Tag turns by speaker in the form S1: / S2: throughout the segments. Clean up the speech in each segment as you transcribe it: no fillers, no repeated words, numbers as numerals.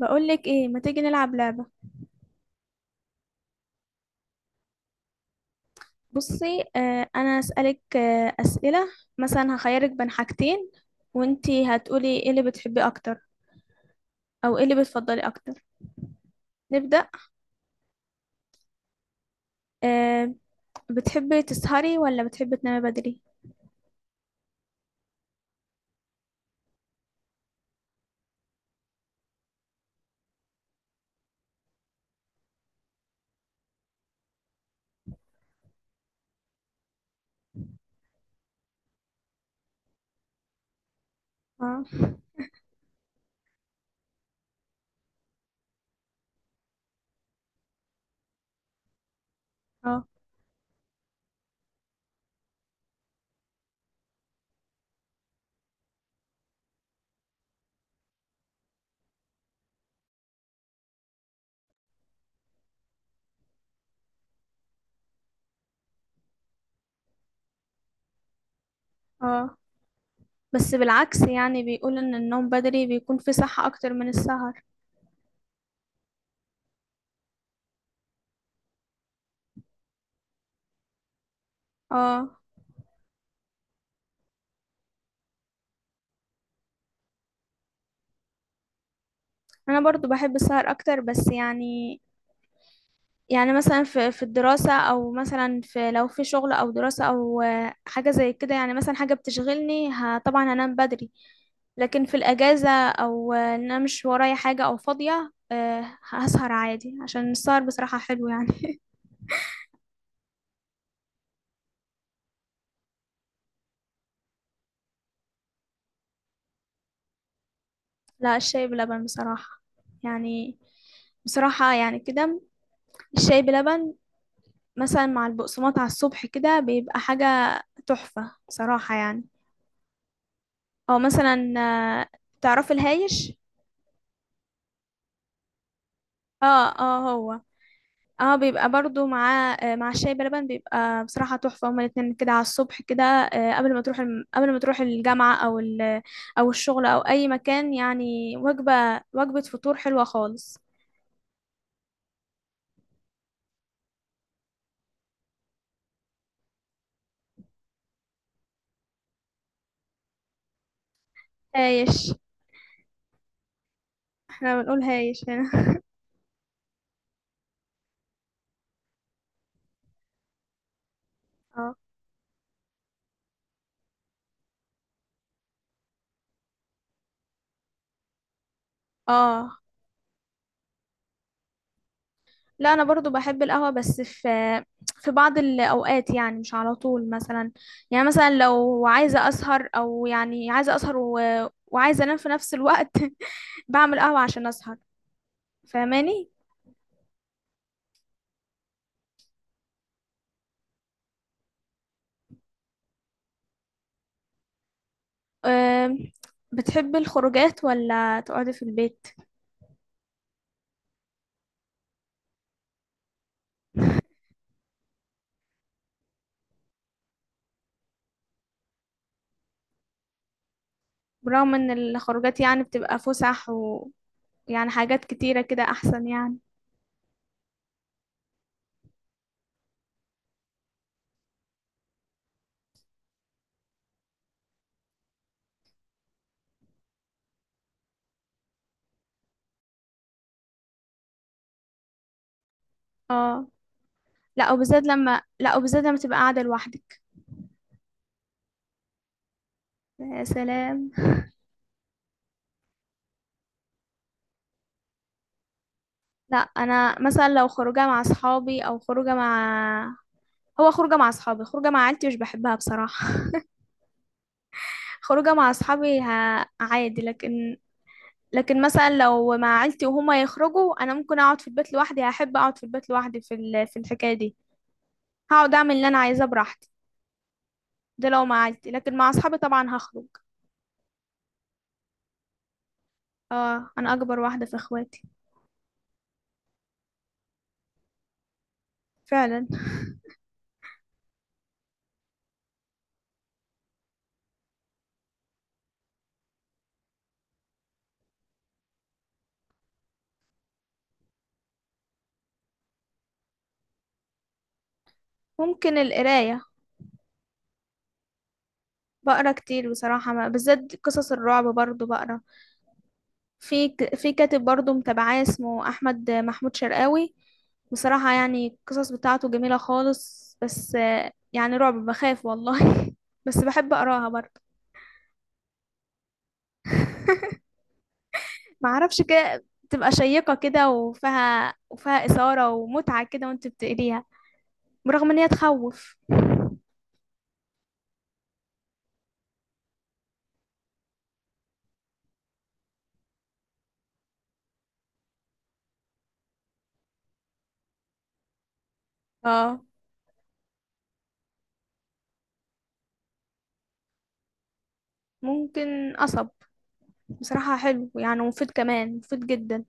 S1: بقولك ايه، ما تيجي نلعب لعبة. بصي، انا اسألك اسئلة. مثلا هخيرك بين حاجتين، وانتي هتقولي ايه اللي بتحبي اكتر او ايه اللي بتفضلي اكتر. نبدأ. آه بتحبي تسهري ولا بتحبي تنامي بدري؟ اه، اه، اه. بس بالعكس، يعني بيقول ان النوم بدري بيكون فيه صحة اكتر من السهر. اه، انا برضو بحب السهر اكتر، بس يعني مثلا في الدراسة او مثلا في لو في شغل او دراسة او حاجة زي كده، يعني مثلا حاجة طبعا هنام بدري. لكن في الاجازة او ان انا مش ورايا حاجة او فاضية، هسهر عادي عشان السهر بصراحة حلو يعني. لا، الشاي بلبن بصراحة. يعني، بصراحة يعني كده، الشاي بلبن مثلا مع البقسماط على الصبح كده بيبقى حاجة تحفة صراحة يعني. او مثلا، آه، تعرفي الهايش؟ اه اه، هو. اه بيبقى برضو مع الشاي بلبن بيبقى بصراحة تحفة. هما الاتنين كده على الصبح كده، قبل ما تروح الجامعة او الشغل او اي مكان. يعني وجبة، وجبة فطور حلوة خالص. هايش، احنا بنقول هايش هنا. اه، اه. لا، انا برضو بحب القهوة، بس في بعض الاوقات، يعني مش على طول. مثلا يعني مثلا لو عايزة اسهر، او يعني وعايزة انام في نفس الوقت. بعمل قهوة عشان اسهر. فاهماني؟ أم، بتحب الخروجات ولا تقعدي في البيت؟ برغم ان الخروجات يعني بتبقى فسح، ويعني حاجات كتيرة كده احسن يعني. اه. لا، وبالذات لما تبقى قاعدة لوحدك. يا سلام. لا، انا مثلا لو خروجه مع اصحابي، او خروجه مع هو خروجه مع اصحابي، خروجه مع عيلتي مش بحبها بصراحه. خروجه مع اصحابي ه... عادي. لكن مثلا لو مع عيلتي وهما يخرجوا، انا ممكن اقعد في البيت لوحدي. هحب اقعد في البيت لوحدي في الحكايه دي. هقعد اعمل اللي انا عايزاه براحتي. ده لو مع عيلتي، لكن مع اصحابي طبعا هخرج. اه، انا اكبر واحده في اخواتي. فعلا. ممكن القرايه. بقرا كتير بصراحه، بالذات قصص الرعب برضو بقرا. في كاتب برضو متابعاه اسمه احمد محمود شرقاوي. بصراحة يعني القصص بتاعته جميلة خالص، بس يعني رعب، بخاف والله. بس بحب اقراها برضه. ما اعرفش، كده تبقى شيقة كده، وفيها إثارة ومتعة كده وانت بتقريها، برغم ان هي تخوف. اه، ممكن قصب. بصراحة حلو يعني، مفيد، كمان مفيد جدا.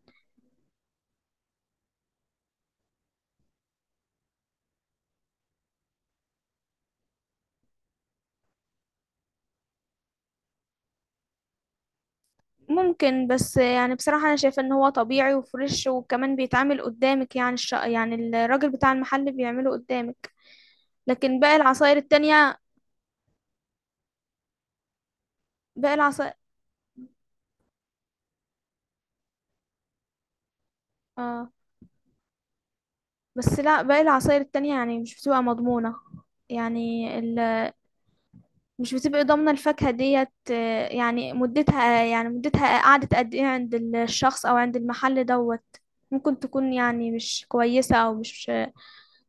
S1: ممكن، بس يعني بصراحة أنا شايفة إن هو طبيعي وفريش وكمان بيتعمل قدامك، يعني يعني الراجل بتاع المحل بيعمله قدامك، لكن باقي العصاير التانية، باقي العصاير، آه، بس لا، باقي العصاير التانية يعني مش بتبقى مضمونة. يعني ال... مش بتبقى ضامنة الفاكهة ديت، يعني مدتها قعدت قد إيه عند الشخص أو عند المحل دوت. ممكن تكون يعني مش كويسة أو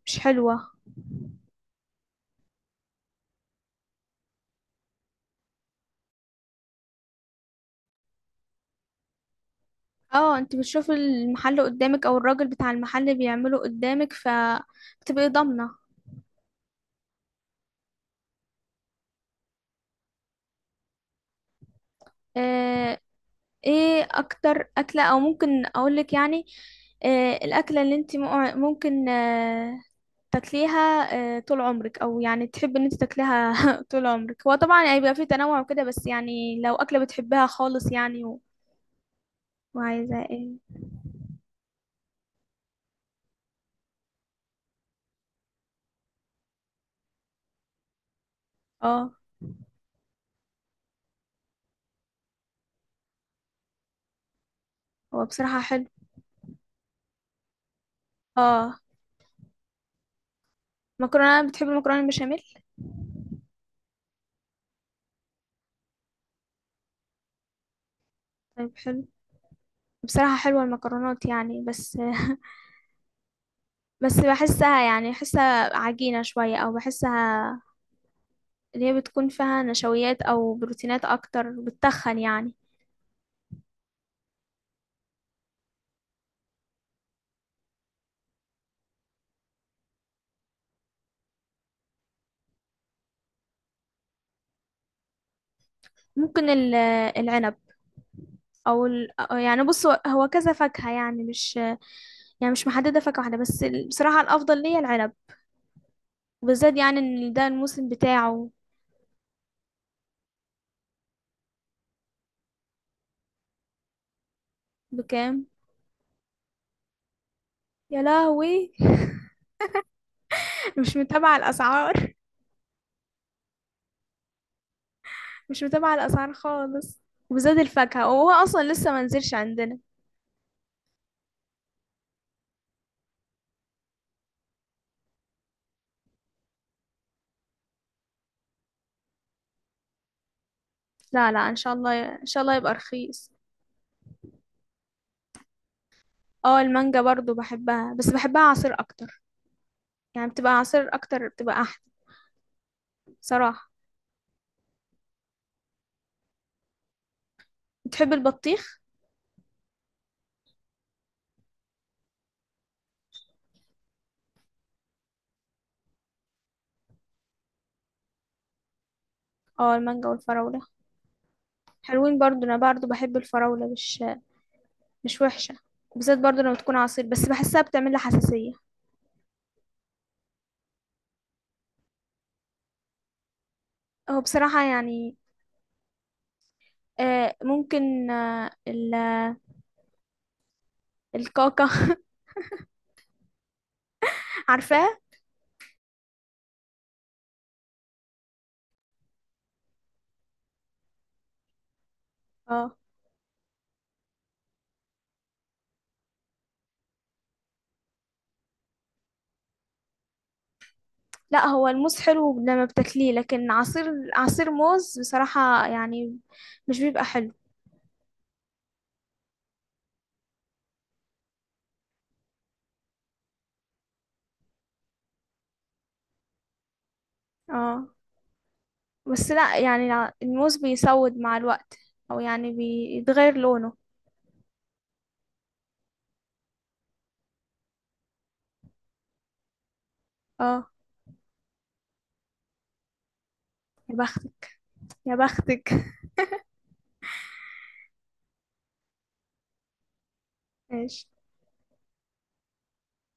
S1: مش حلوة. اه، انت بتشوفي المحل قدامك او الراجل بتاع المحل بيعمله قدامك فبتبقي ضامنه. آه، ايه اكتر اكله، او ممكن اقولك يعني الاكله اللي ممكن تاكليها طول عمرك، او يعني تحبي ان انت تاكليها طول عمرك. هو طبعا هيبقى فيه تنوع وكده، بس يعني لو اكله بتحبها خالص يعني وعايزه ايه؟ اه، هو بصراحه حلو. اه، مكرونه، بتحبي المكرونه البشاميل؟ طيب، حلو. بصراحة حلوة المكرونات يعني، بس بحسها يعني بحسها عجينة شوية، أو بحسها اللي هي بتكون فيها نشويات أو بروتينات أكتر، بتتخن يعني. ممكن العنب، يعني بص، هو هو كذا فاكهة يعني مش محددة فاكهة واحدة، بس بصراحة الأفضل ليا العنب، وبالذات يعني إن ده الموسم بتاعه. بكام؟ يا لهوي. مش متابعة الأسعار، مش متابعة الأسعار خالص، وبالذات الفاكهة، وهو أصلا لسه منزلش عندنا. لا لا، إن شاء الله إن شاء الله يبقى رخيص. اه، المانجا برضو بحبها، بس بحبها عصير اكتر. يعني بتبقى عصير اكتر، بتبقى احلى. صراحة. بتحب البطيخ؟ اه، المانجا والفراولة حلوين برضو. انا برضو بحب الفراولة، مش وحشة. بالذات برضو لما تكون عصير، بس بحسها بتعمل لي حساسية. هو بصراحة يعني ممكن الكاكا. عارفاه؟ اه. لا، هو الموز حلو لما بتاكليه، لكن عصير موز بصراحة يعني مش بيبقى حلو. اه. بس لا، يعني الموز بيسود مع الوقت، او يعني بيتغير لونه. اه، يا بختك، يا بختك. ماشي.